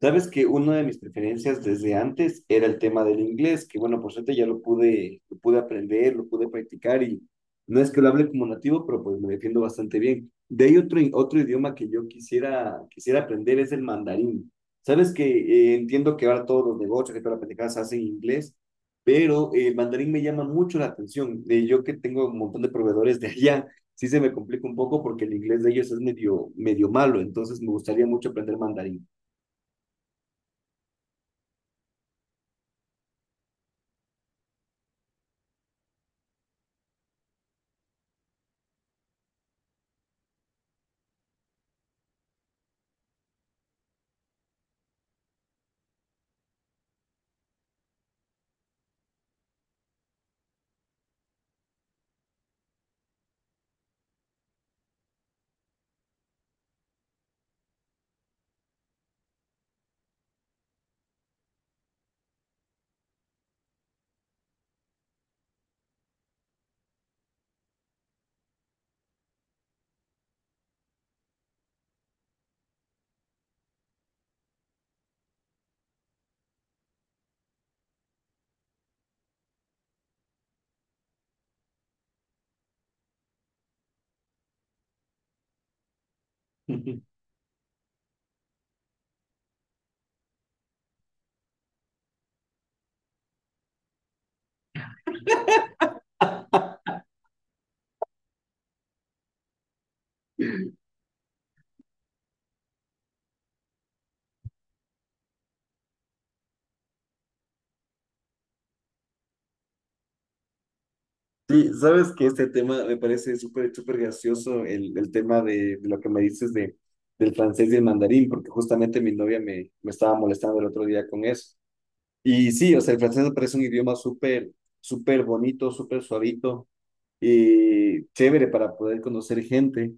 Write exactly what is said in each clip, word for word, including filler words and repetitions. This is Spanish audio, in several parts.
Sabes que una de mis preferencias desde antes era el tema del inglés, que bueno, por suerte ya lo pude, lo pude aprender, lo pude practicar y no es que lo hable como nativo, pero pues me defiendo bastante bien. De ahí otro, i- otro idioma que yo quisiera, quisiera aprender es el mandarín. Sabes que eh, entiendo que ahora todos los negocios, que todas las pendejadas se hacen en inglés, pero eh, el mandarín me llama mucho la atención. Eh, yo que tengo un montón de proveedores de allá, sí se me complica un poco porque el inglés de ellos es medio, medio malo, entonces me gustaría mucho aprender mandarín. Sí, sabes que este tema me parece súper, súper gracioso, el, el tema de, de lo que me dices de, del francés y el mandarín, porque justamente mi novia me, me estaba molestando el otro día con eso. Y sí, o sea, el francés me parece un idioma súper, súper bonito, súper suavito eh, chévere para poder conocer gente,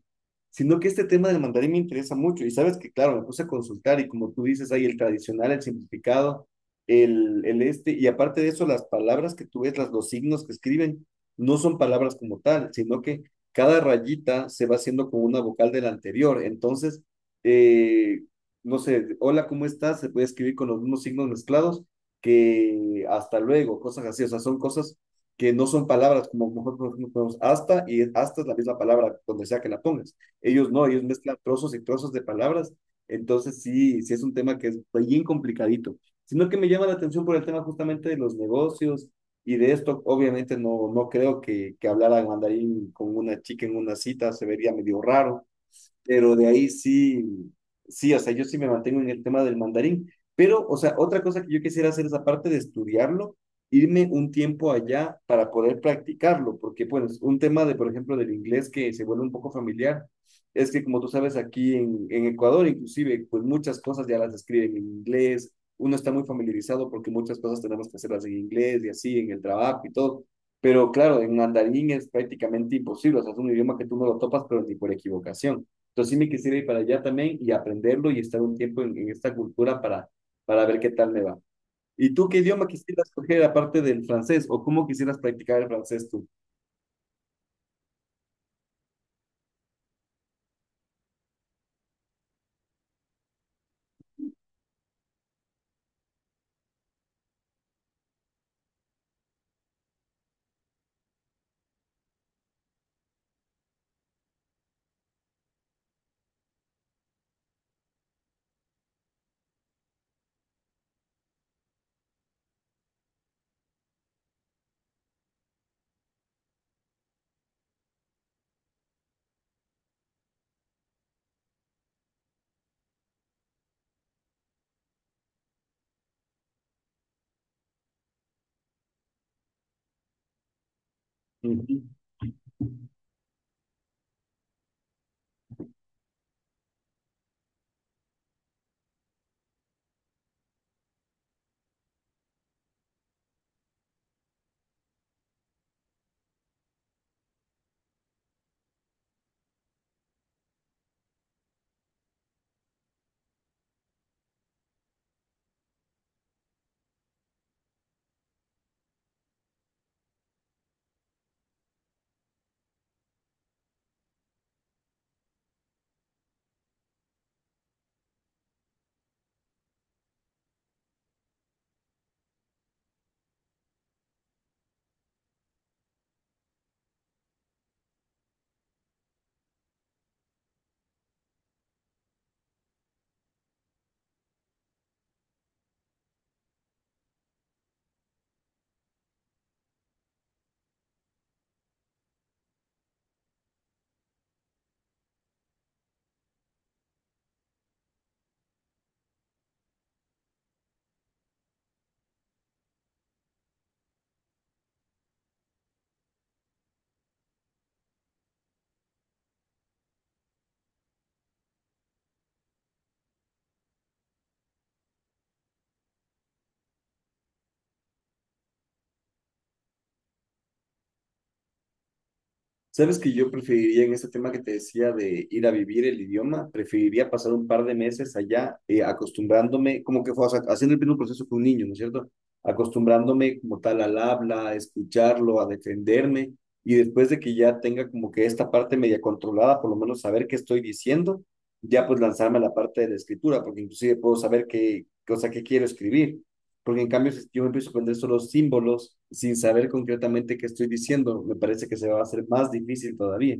sino que este tema del mandarín me interesa mucho y sabes que, claro, me puse a consultar y como tú dices, hay el tradicional, el simplificado, el, el este, y aparte de eso, las palabras que tú ves, las, los signos que escriben, no son palabras como tal, sino que cada rayita se va haciendo como una vocal de la anterior, entonces, eh, no sé, hola, ¿cómo estás? Se puede escribir con los mismos signos mezclados que hasta luego, cosas así, o sea, son cosas que no son palabras como nosotros ponemos hasta, y hasta es la misma palabra donde sea que la pongas. Ellos no, ellos mezclan trozos y trozos de palabras, entonces sí, sí es un tema que es bien complicadito, sino que me llama la atención por el tema justamente de los negocios y de esto, obviamente no, no creo que, que hablar al mandarín con una chica en una cita se vería medio raro, pero de ahí sí, sí, o sea, yo sí me mantengo en el tema del mandarín, pero, o sea, otra cosa que yo quisiera hacer es aparte de estudiarlo, irme un tiempo allá para poder practicarlo, porque pues un tema de, por ejemplo, del inglés que se vuelve un poco familiar, es que como tú sabes, aquí en, en Ecuador inclusive, pues muchas cosas ya las escriben en inglés, uno está muy familiarizado porque muchas cosas tenemos que hacerlas en inglés y así, en el trabajo y todo. Pero claro, en mandarín es prácticamente imposible, o sea, es un idioma que tú no lo topas, pero ni por equivocación. Entonces sí me quisiera ir para allá también y aprenderlo y estar un tiempo en, en esta cultura para, para ver qué tal me va. ¿Y tú qué idioma quisieras coger aparte del francés o cómo quisieras practicar el francés tú? Ujú. Sabes que yo preferiría en este tema que te decía de ir a vivir el idioma, preferiría pasar un par de meses allá eh, acostumbrándome, como que fue, o sea, haciendo el mismo proceso que un niño, ¿no es cierto? Acostumbrándome como tal al habla, a escucharlo, a defenderme y después de que ya tenga como que esta parte media controlada, por lo menos saber qué estoy diciendo, ya pues lanzarme a la parte de la escritura, porque inclusive puedo saber qué cosa que quiero escribir. Porque en cambio, si yo me empiezo a aprender solo símbolos sin saber concretamente qué estoy diciendo, me parece que se va a hacer más difícil todavía.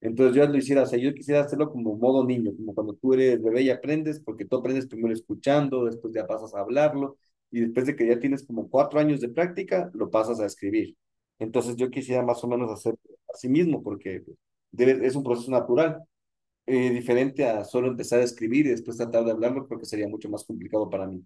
Entonces yo lo hiciera, o sea, yo quisiera hacerlo como modo niño, como cuando tú eres bebé y aprendes, porque tú aprendes primero escuchando, después ya pasas a hablarlo, y después de que ya tienes como cuatro años de práctica, lo pasas a escribir. Entonces yo quisiera más o menos hacer así mismo, porque debe- es un proceso natural, eh, diferente a solo empezar a escribir y después tratar de hablarlo, porque sería mucho más complicado para mí.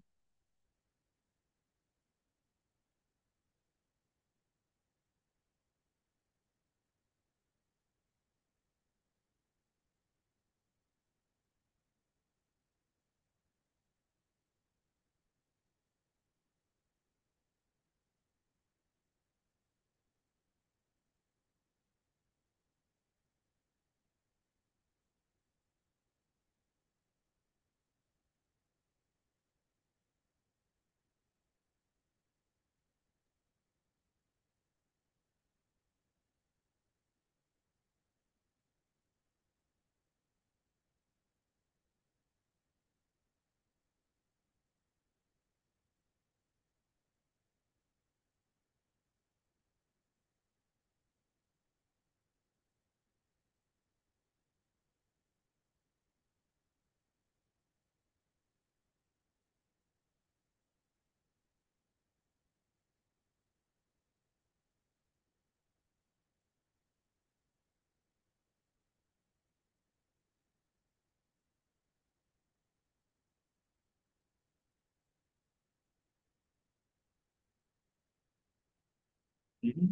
Ujú.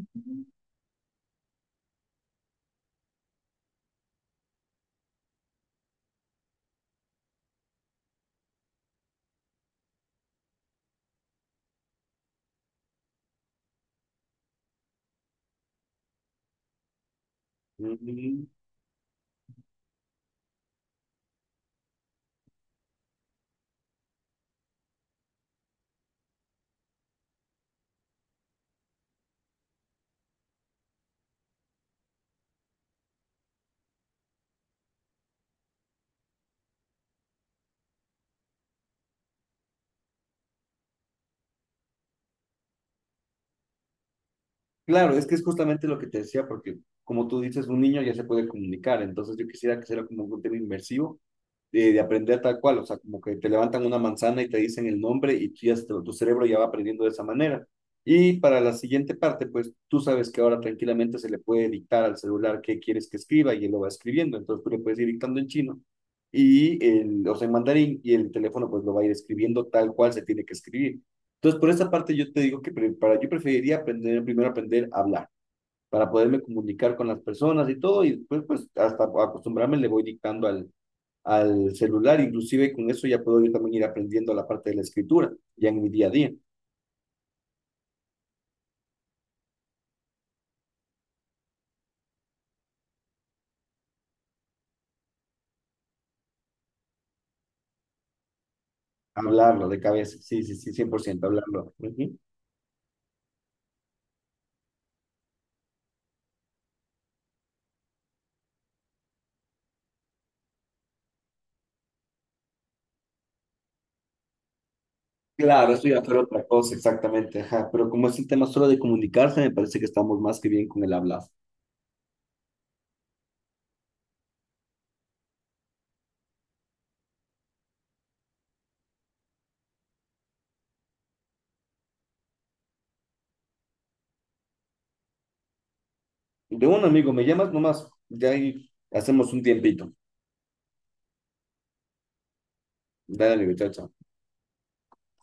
Mm, Claro, es que es justamente lo que te decía, porque como tú dices, un niño ya se puede comunicar, entonces yo quisiera que sea como un tema inmersivo de, de aprender tal cual, o sea, como que te levantan una manzana y te dicen el nombre y tú ya, tu cerebro ya va aprendiendo de esa manera. Y para la siguiente parte, pues tú sabes que ahora tranquilamente se le puede dictar al celular qué quieres que escriba y él lo va escribiendo, entonces tú le puedes ir dictando en chino y el, o sea, en mandarín y el teléfono pues lo va a ir escribiendo tal cual se tiene que escribir. Entonces, por esa parte yo te digo que pre- para, yo preferiría aprender, primero aprender a hablar, para poderme comunicar con las personas y todo, y después pues hasta acostumbrarme le voy dictando al, al celular, inclusive con eso ya puedo yo también ir aprendiendo la parte de la escritura, ya en mi día a día, hablarlo de cabeza, sí, sí, sí, cien por ciento hablarlo. Ujú. Claro, eso ya fue otra cosa, exactamente, ajá, pero como es el tema solo de comunicarse, me parece que estamos más que bien con el hablar. De un amigo, me llamas nomás, ya ahí hacemos un tiempito. Dale, chao, chao.